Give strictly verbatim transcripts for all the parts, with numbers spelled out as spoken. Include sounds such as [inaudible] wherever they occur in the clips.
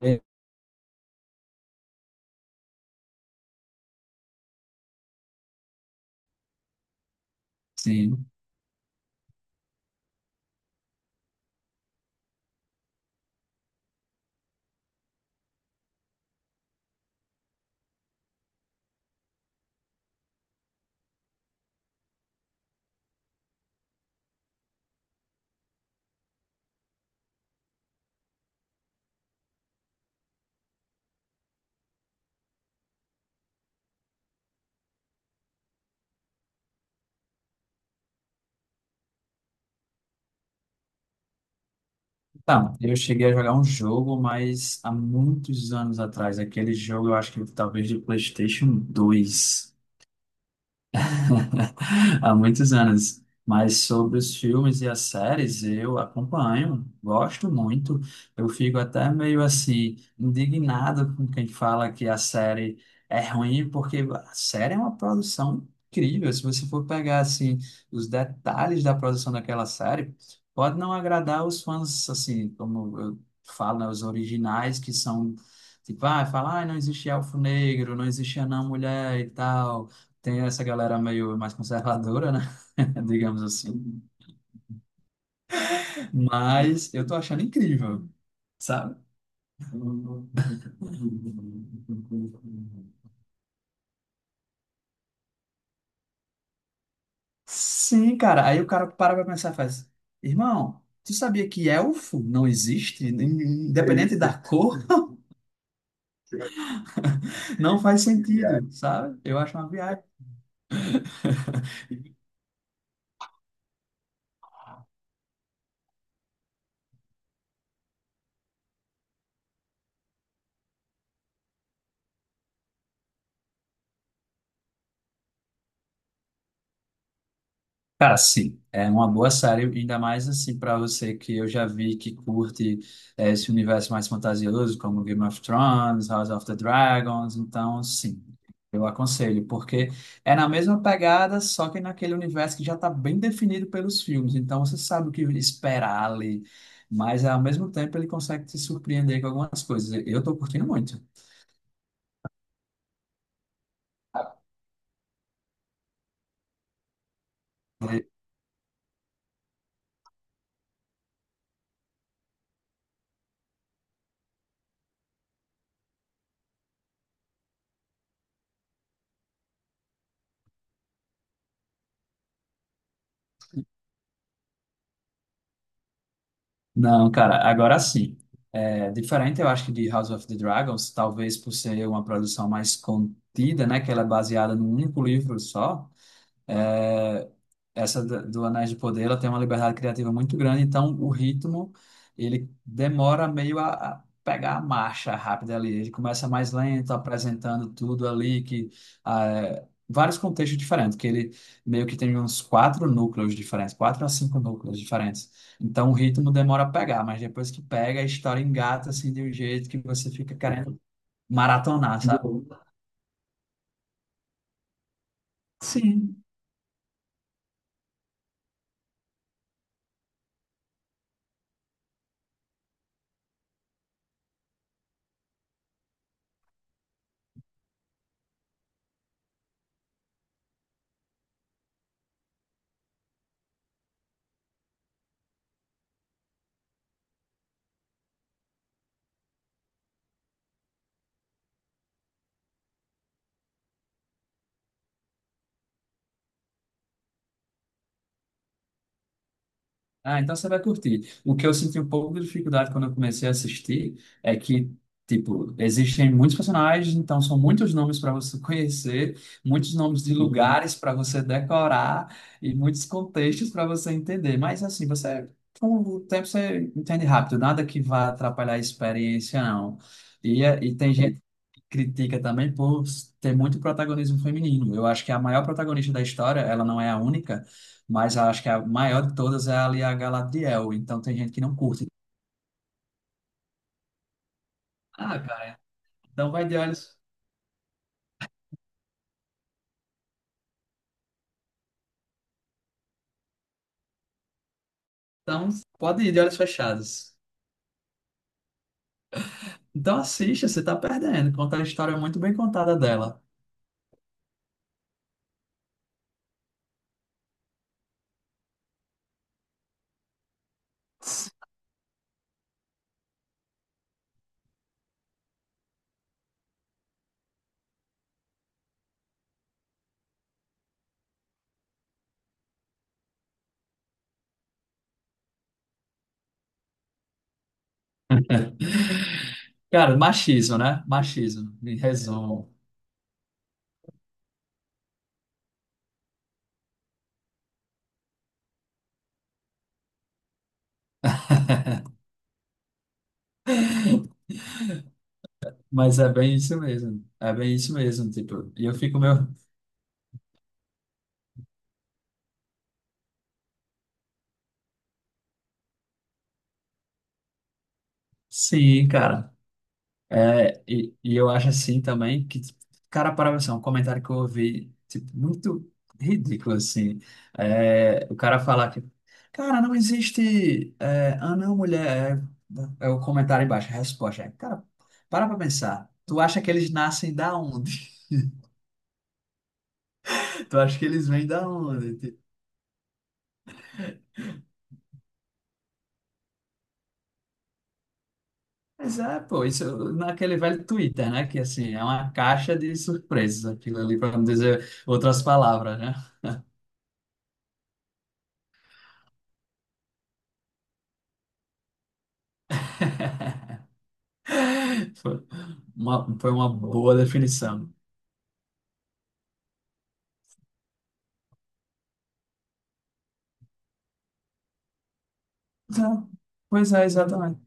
É, Sim. Tá, eu cheguei a jogar um jogo, mas há muitos anos atrás, aquele jogo eu acho que talvez de PlayStation dois [laughs] há muitos anos. Mas sobre os filmes e as séries, eu acompanho, gosto muito. Eu fico até meio assim, indignado com quem fala que a série é ruim, porque a série é uma produção incrível. Se você for pegar assim, os detalhes da produção daquela série, pode não agradar os fãs, assim, como eu falo, né, os originais que são. Tipo, ah, fala, ah, não existia elfo negro, não existia não mulher e tal. Tem essa galera meio mais conservadora, né? [laughs] Digamos assim. Mas eu tô achando incrível, sabe? Sim, cara. Aí o cara para pra pensar e faz: Irmão, tu sabia que elfo não existe? É independente da cor, [laughs] não faz sentido, sabe? Eu acho uma viagem. Cara, sim, é uma boa série, ainda mais assim para você que eu já vi que curte eh, esse universo mais fantasioso, como Game of Thrones, House of the Dragons, então sim, eu aconselho, porque é na mesma pegada, só que naquele universo que já está bem definido pelos filmes, então você sabe o que esperar ali, mas ao mesmo tempo ele consegue te surpreender com algumas coisas. Eu estou curtindo muito. Não, cara, agora sim. É diferente, eu acho que de House of the Dragons, talvez por ser uma produção mais contida, né, que ela é baseada num único livro só. É, essa da- do Anéis de Poder, ela tem uma liberdade criativa muito grande, então o ritmo, ele demora meio a, a pegar a marcha rápida ali. Ele começa mais lento, apresentando tudo ali, que ah, é, vários contextos diferentes, que ele meio que tem uns quatro núcleos diferentes, quatro a cinco núcleos diferentes. Então o ritmo demora a pegar, mas depois que pega, a história engata assim de um jeito que você fica querendo maratonar, sabe? Sim. Ah, então você vai curtir. O que eu senti um pouco de dificuldade quando eu comecei a assistir é que, tipo, existem muitos personagens, então são muitos nomes para você [laughs] conhecer, muitos nomes de lugares para você decorar e muitos contextos para você entender. Mas, assim, você, com o tempo, você entende rápido, nada que vá atrapalhar a experiência, não. E, é- e tem gente critica também por ter muito protagonismo feminino. Eu acho que a maior protagonista da história, ela não é a única, mas eu acho que a maior de todas é ali a Galadriel. Então tem gente que não curte. Ah, cara, então vai de olhos. Então pode ir de olhos fechados. Então assista, você tá perdendo. Conta a história muito bem contada dela. Cara, machismo, né? Machismo, em resumo. [laughs] Mas é bem isso mesmo. É bem isso mesmo, tipo. E eu fico meio. Sim, cara. É, e, e eu acho assim também que, tipo, cara, para você, um comentário que eu ouvi, tipo, muito ridículo, assim. É, o cara falar que, cara, não existe é, anão mulher. É, é o comentário embaixo, a resposta. É, cara, para pra pensar. Tu acha que eles nascem da onde? [laughs] Tu acha que eles vêm da onde? Tipo, mas é, pô, isso naquele velho Twitter, né? Que assim, é uma caixa de surpresas aquilo ali, para não dizer outras palavras, né? [laughs] Foi uma, foi uma boa definição. Tá. Pois é, exatamente.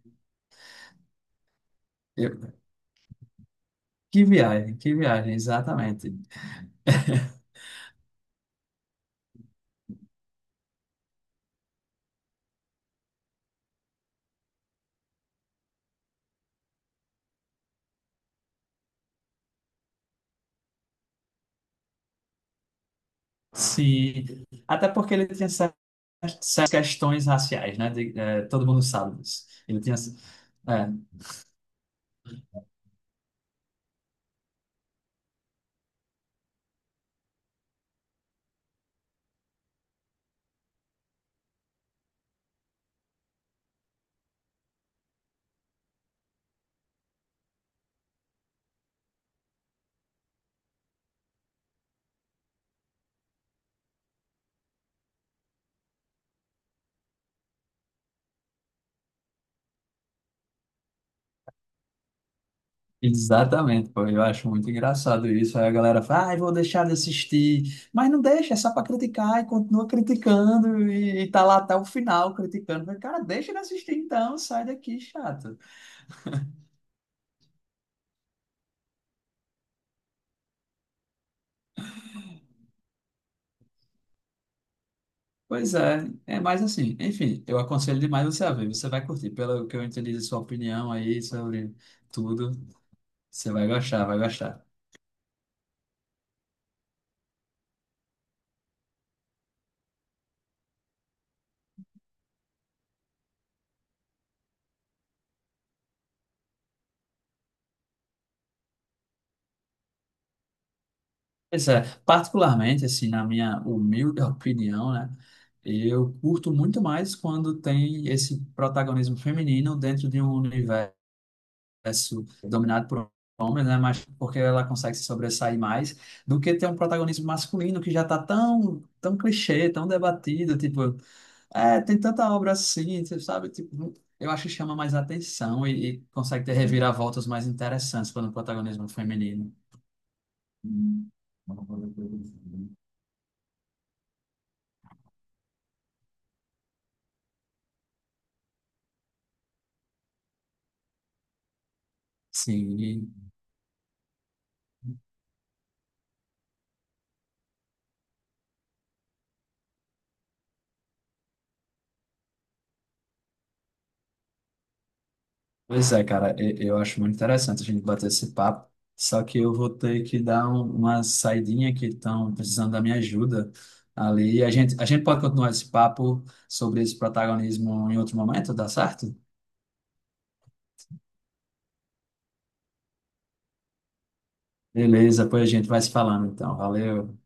Eu- que viagem, que viagem, exatamente. [laughs] Sim, até porque ele tinha certas certas questões raciais, né? De- eh, todo mundo sabe disso. Ele tinha. É, exatamente, pô. Eu acho muito engraçado isso. Aí a galera fala, ai, vou deixar de assistir. Mas não deixa, é só para criticar e continua criticando e, e tá lá até o final criticando. Mas, cara, deixa de assistir então, sai daqui, chato. Pois é, é mais assim. Enfim, eu aconselho demais você a ver. Você vai curtir. Pelo que eu entendi de sua opinião aí sobre tudo, você vai gostar, vai gostar. Pois é, particularmente, assim, na minha humilde [laughs] opinião, né? Eu curto muito mais quando tem esse protagonismo feminino dentro de um universo dominado por homens, né? Mas porque ela consegue se sobressair mais do que ter um protagonismo masculino que já tá tão, tão clichê, tão debatido, tipo. É, tem tanta obra assim, você sabe? Tipo, eu acho que chama mais atenção e, e consegue ter reviravoltas mais interessantes quando o protagonismo é feminino. Sim, pois é, cara, e- eu acho muito interessante a gente bater esse papo. Só que eu vou ter que dar um- uma saidinha que estão precisando da minha ajuda ali. A gente, a gente pode continuar esse papo sobre esse protagonismo em outro momento, dá certo? Beleza, pois a gente vai se falando então. Valeu.